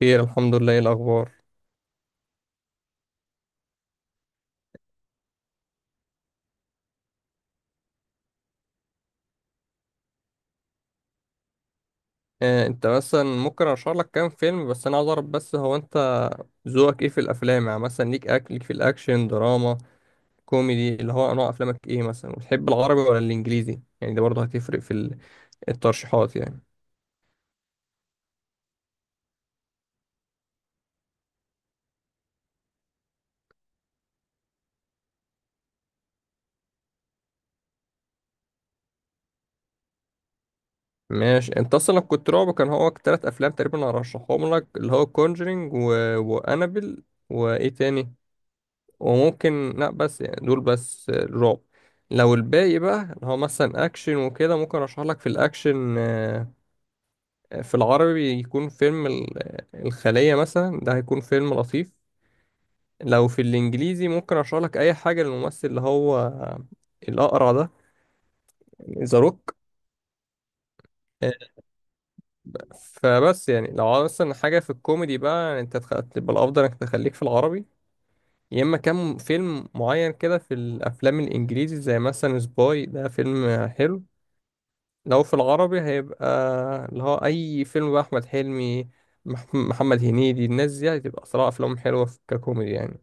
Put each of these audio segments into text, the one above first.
خير، الحمد لله. ايه الاخبار؟ انت مثلا ممكن ارشح لك كام فيلم، بس انا عايز اعرف، بس هو انت ذوقك ايه في الافلام؟ يعني مثلا ليك اكل، ليك في الاكشن، دراما، كوميدي، اللي هو انواع افلامك ايه مثلا؟ وتحب العربي ولا الانجليزي؟ يعني ده برضه هتفرق في الترشيحات يعني. ماشي، انت اصلا لو كنت رعب، كان هو ثلاث افلام تقريبا هرشحهم لك، اللي هو كونجرينج وانابل، وايه تاني، وممكن. لا بس يعني دول بس الرعب. لو الباقي بقى اللي هو مثلا اكشن وكده، ممكن ارشح لك في الاكشن، في العربي يكون فيلم الخلية مثلا، ده هيكون فيلم لطيف. لو في الانجليزي، ممكن ارشح لك اي حاجة للممثل اللي هو الاقرع ده، ذا روك. فبس يعني لو عاوز مثلا حاجة في الكوميدي بقى، يعني انت تبقى الافضل انك تخليك في العربي، يا اما كام فيلم معين كده في الافلام الانجليزي، زي مثلا سباي، ده فيلم حلو. لو في العربي، هيبقى اللي هو أي فيلم بقى أحمد حلمي، محمد هنيدي، الناس دي هتبقى صراحة أفلام حلوة ككوميدي يعني.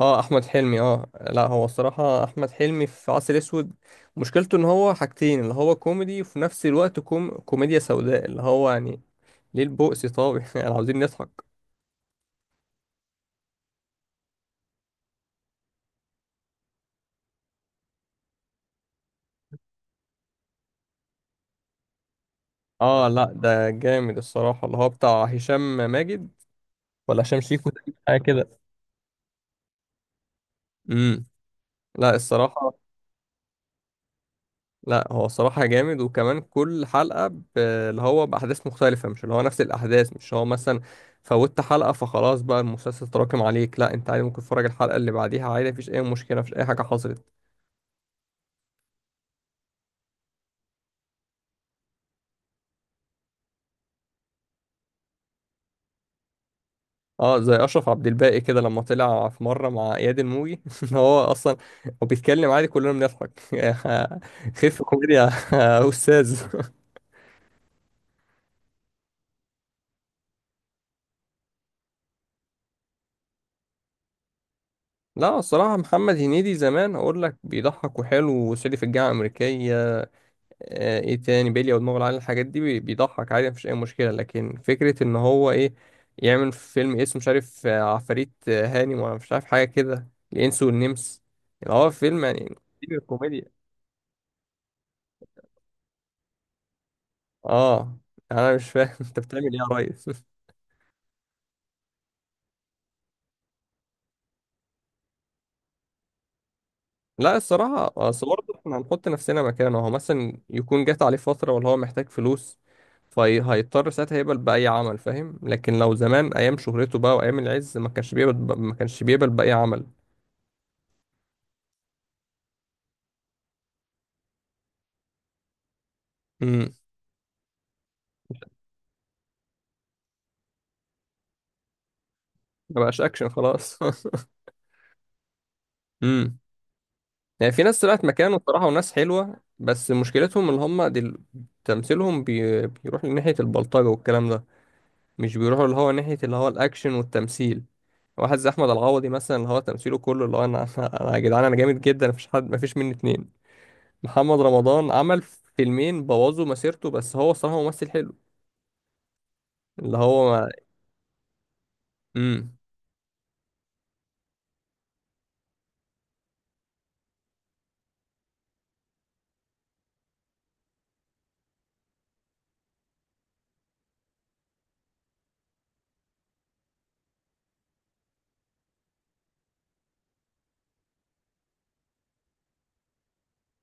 اه أحمد حلمي، اه لا، هو الصراحة أحمد حلمي في عسل أسود مشكلته إن هو حاجتين، اللي هو كوميدي وفي نفس الوقت كوميديا سوداء، اللي هو يعني ليه البؤس؟ طب يعني عاوزين نضحك. اه لا، ده جامد الصراحة، اللي هو بتاع هشام ماجد ولا هشام شيكو ده، حاجة كده. امم لا الصراحة. لا، هو الصراحة جامد، وكمان كل حلقة اللي هو بأحداث مختلفة، مش اللي هو نفس الأحداث، مش هو مثلا فوتت حلقة فخلاص بقى المسلسل تراكم عليك، لا، أنت عادي ممكن تتفرج الحلقة اللي بعديها عادي، مفيش أي مشكلة، مفيش أي حاجة حصلت. اه، زي أشرف عبد الباقي كده لما طلع في مرة مع إياد الموجي إن هو أصلا هو بيتكلم عادي كلنا بنضحك. خف كوميديا يا أستاذ. لا الصراحة، محمد هنيدي زمان أقول لك بيضحك وحلو، وصعيدي في الجامعة الأمريكية، ايه تاني بيليا ودماغه العالي، الحاجات دي بيضحك عادي، مفيش اي مشكله، لكن فكره ان هو ايه، يعمل فيلم اسمه مش عارف عفاريت، هاني، ولا مش عارف حاجه كده، الانس والنمس، يعني هو فيلم يعني فيلم الكوميديا. اه انا مش فاهم، انت بتعمل ايه يا ريس؟ لا الصراحه، اصل برضه احنا هنحط نفسنا مكانه، هو مثلا يكون جات عليه فتره، ولا هو محتاج فلوس، فهيضطر ساعتها يقبل بأي عمل، فاهم. لكن لو زمان أيام شهرته بقى وأيام العز، ما كانش بيقبل، ما كانش بيقبل بأي عمل. ما بقاش اكشن خلاص. امم يعني في ناس طلعت مكانه بصراحه، وناس حلوه، بس مشكلتهم اللي هم تمثيلهم بيروح لناحيه البلطجه والكلام ده، مش بيروحوا اللي هو ناحيه اللي هو الاكشن والتمثيل. واحد زي احمد العوضي مثلا، اللي هو تمثيله كله اللي هو انا، انا يا جدعان، انا جامد جدا، مفيش حد، مفيش مني اتنين. محمد رمضان عمل فيلمين بوظوا مسيرته، بس هو الصراحه ممثل حلو. اللي هو امم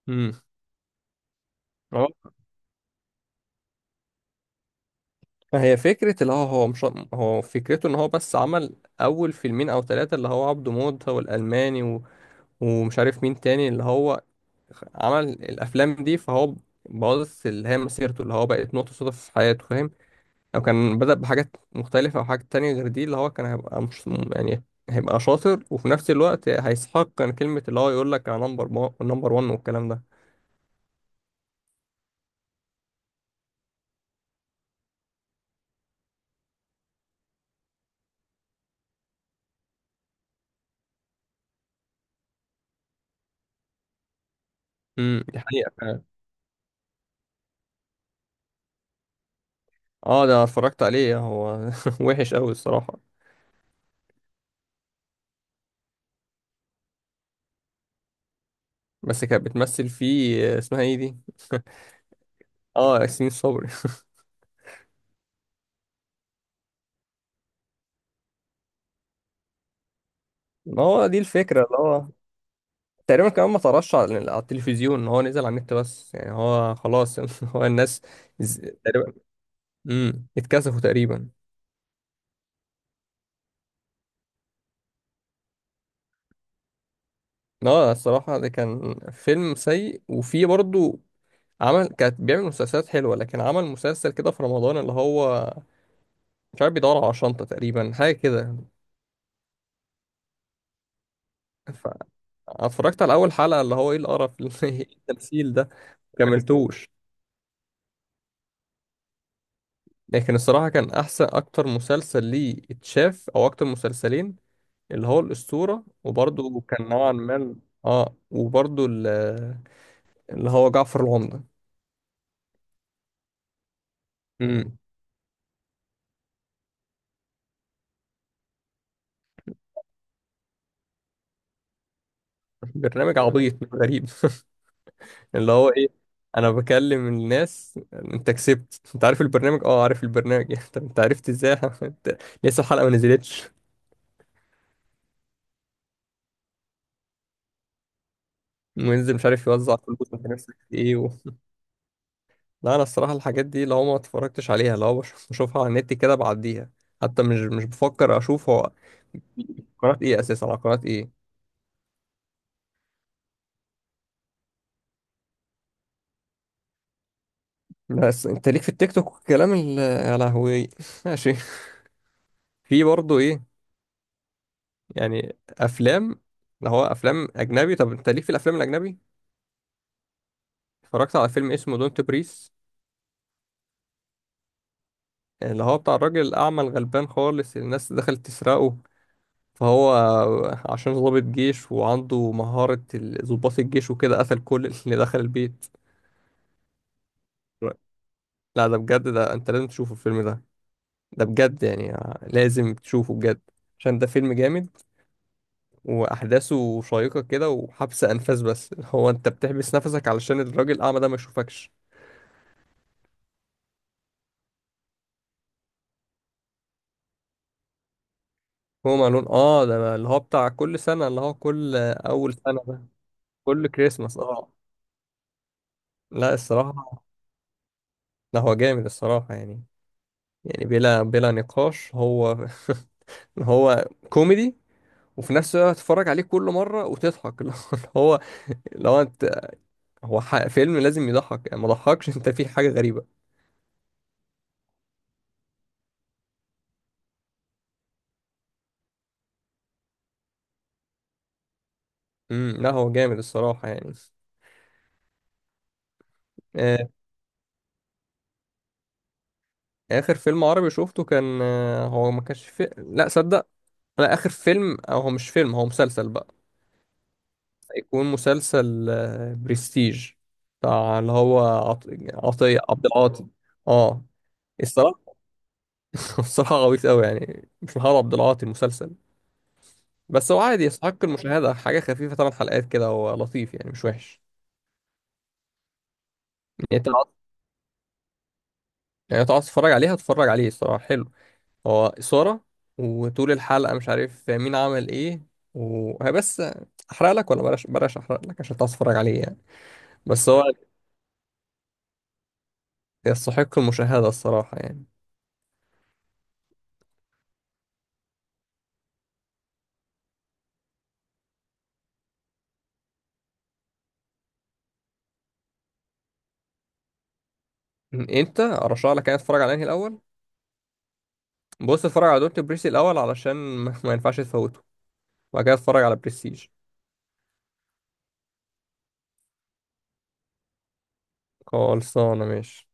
امم ما هي فكرة اللي هو مش، هو فكرته ان هو بس عمل اول فيلمين او ثلاثة اللي هو عبده موتة والالماني ومش عارف مين تاني اللي هو عمل الافلام دي، فهو باظت اللي هي مسيرته، اللي هو بقت نقطة صدف في حياته، فاهم. لو كان بدأ بحاجات مختلفة او حاجات تانية غير دي، اللي هو كان هيبقى مش يعني، هيبقى شاطر وفي نفس الوقت هيستحق كان كلمة اللي هو يقول لك انا نمبر 1 والكلام ده. دي حقيقة فعلا. اه ده أنا اتفرجت عليه، هو وحش قوي الصراحة. بس كانت بتمثل فيه اسمها ايه دي؟ اه ياسمين صبري. ما هو دي الفكرة، اللي هو تقريبا كمان ما طرش على التلفزيون، هو نزل على النت بس يعني، هو خلاص هو الناس تقريبا. اتكسفوا تقريبا. اه الصراحة، ده كان فيلم سيء، وفيه برضه عمل، كانت بيعمل مسلسلات حلوة، لكن عمل مسلسل كده في رمضان اللي هو مش عارف بيدور على شنطة تقريبا، حاجة كده، ف- اتفرجت على أول حلقة اللي هو ايه القرف، ايه التمثيل ده، مكملتوش. لكن الصراحة كان أحسن أكتر مسلسل ليه اتشاف، أو أكتر مسلسلين، اللي هو الأسطورة، وبرضه كان نوعا ما. اه وبرضه اللي هو جعفر العمدة. امم. برنامج عبيط غريب. اللي هو إيه، أنا بكلم الناس أنت كسبت، أنت عارف البرنامج؟ اه عارف البرنامج. أنت عرفت إزاي؟ أنت لسه الحلقة ما نزلتش. وينزل مش عارف يوزع فلوس، أنت نفسك في إيه؟ لا انا الصراحه الحاجات دي لو ما اتفرجتش عليها، لو بشوفها على النت كده بعديها، حتى مش بفكر اشوف. هو قناه ايه اساسا، على قناه ايه؟ بس انت ليك في التيك توك والكلام يا لهوي. ماشي. في برضه ايه، يعني افلام، اللي هو افلام اجنبي؟ طب انت ليك في الافلام الاجنبي؟ اتفرجت على فيلم اسمه دونت بريس، اللي هو بتاع الراجل الاعمى الغلبان خالص، اللي الناس دخلت تسرقه، فهو عشان ضابط جيش وعنده مهارة ضباط الجيش وكده، قتل كل اللي دخل البيت. لا ده بجد، ده انت لازم تشوفه الفيلم ده، ده بجد يعني، لازم تشوفه بجد، عشان ده فيلم جامد، واحداثه شيقة كده وحبس انفاس، بس هو انت بتحبس نفسك علشان الراجل الاعمى ده ما يشوفكش. هو معلون، اه ده اللي هو بتاع كل سنة، اللي هو كل اول سنة ده، كل كريسماس، اه. لا الصراحة، لا هو جامد الصراحة، يعني بلا نقاش. هو هو كوميدي وفي نفس الوقت تتفرج عليه كل مرة وتضحك. اللي هو لو انت، هو فيلم لازم يضحك، يعني ما ضحكش، انت فيه حاجة غريبة. لا هو جامد الصراحة يعني. آه، آخر فيلم عربي شفته كان، هو ما كانش لا صدق، لا آخر فيلم، أو هو مش فيلم، هو مسلسل بقى، يكون مسلسل برستيج، بتاع اللي هو عط... عطية عبد العاطي. اه الصراحة. الصراحة غويط أوي، يعني مش محمد عبد العاطي المسلسل، بس هو عادي يستحق المشاهدة، حاجة خفيفة، ثمان حلقات كده، هو لطيف يعني، مش وحش. يعني تقعد، يعني تقعد تتفرج عليها، تتفرج عليه الصراحة حلو، هو إثارة، وطول الحلقة مش عارف مين عمل إيه، وهي بس. أحرق لك ولا بلاش، بلاش أحرق لك عشان تعرف تتفرج عليه يعني، بس هو يستحق المشاهدة الصراحة يعني. أنت أرشح لك يعني تتفرج على أنهي الأول؟ بص، اتفرج على دونت بريسي الأول علشان ما ينفعش تفوته، وبعد كده اتفرج على بريستيج. خلصانة ماشي.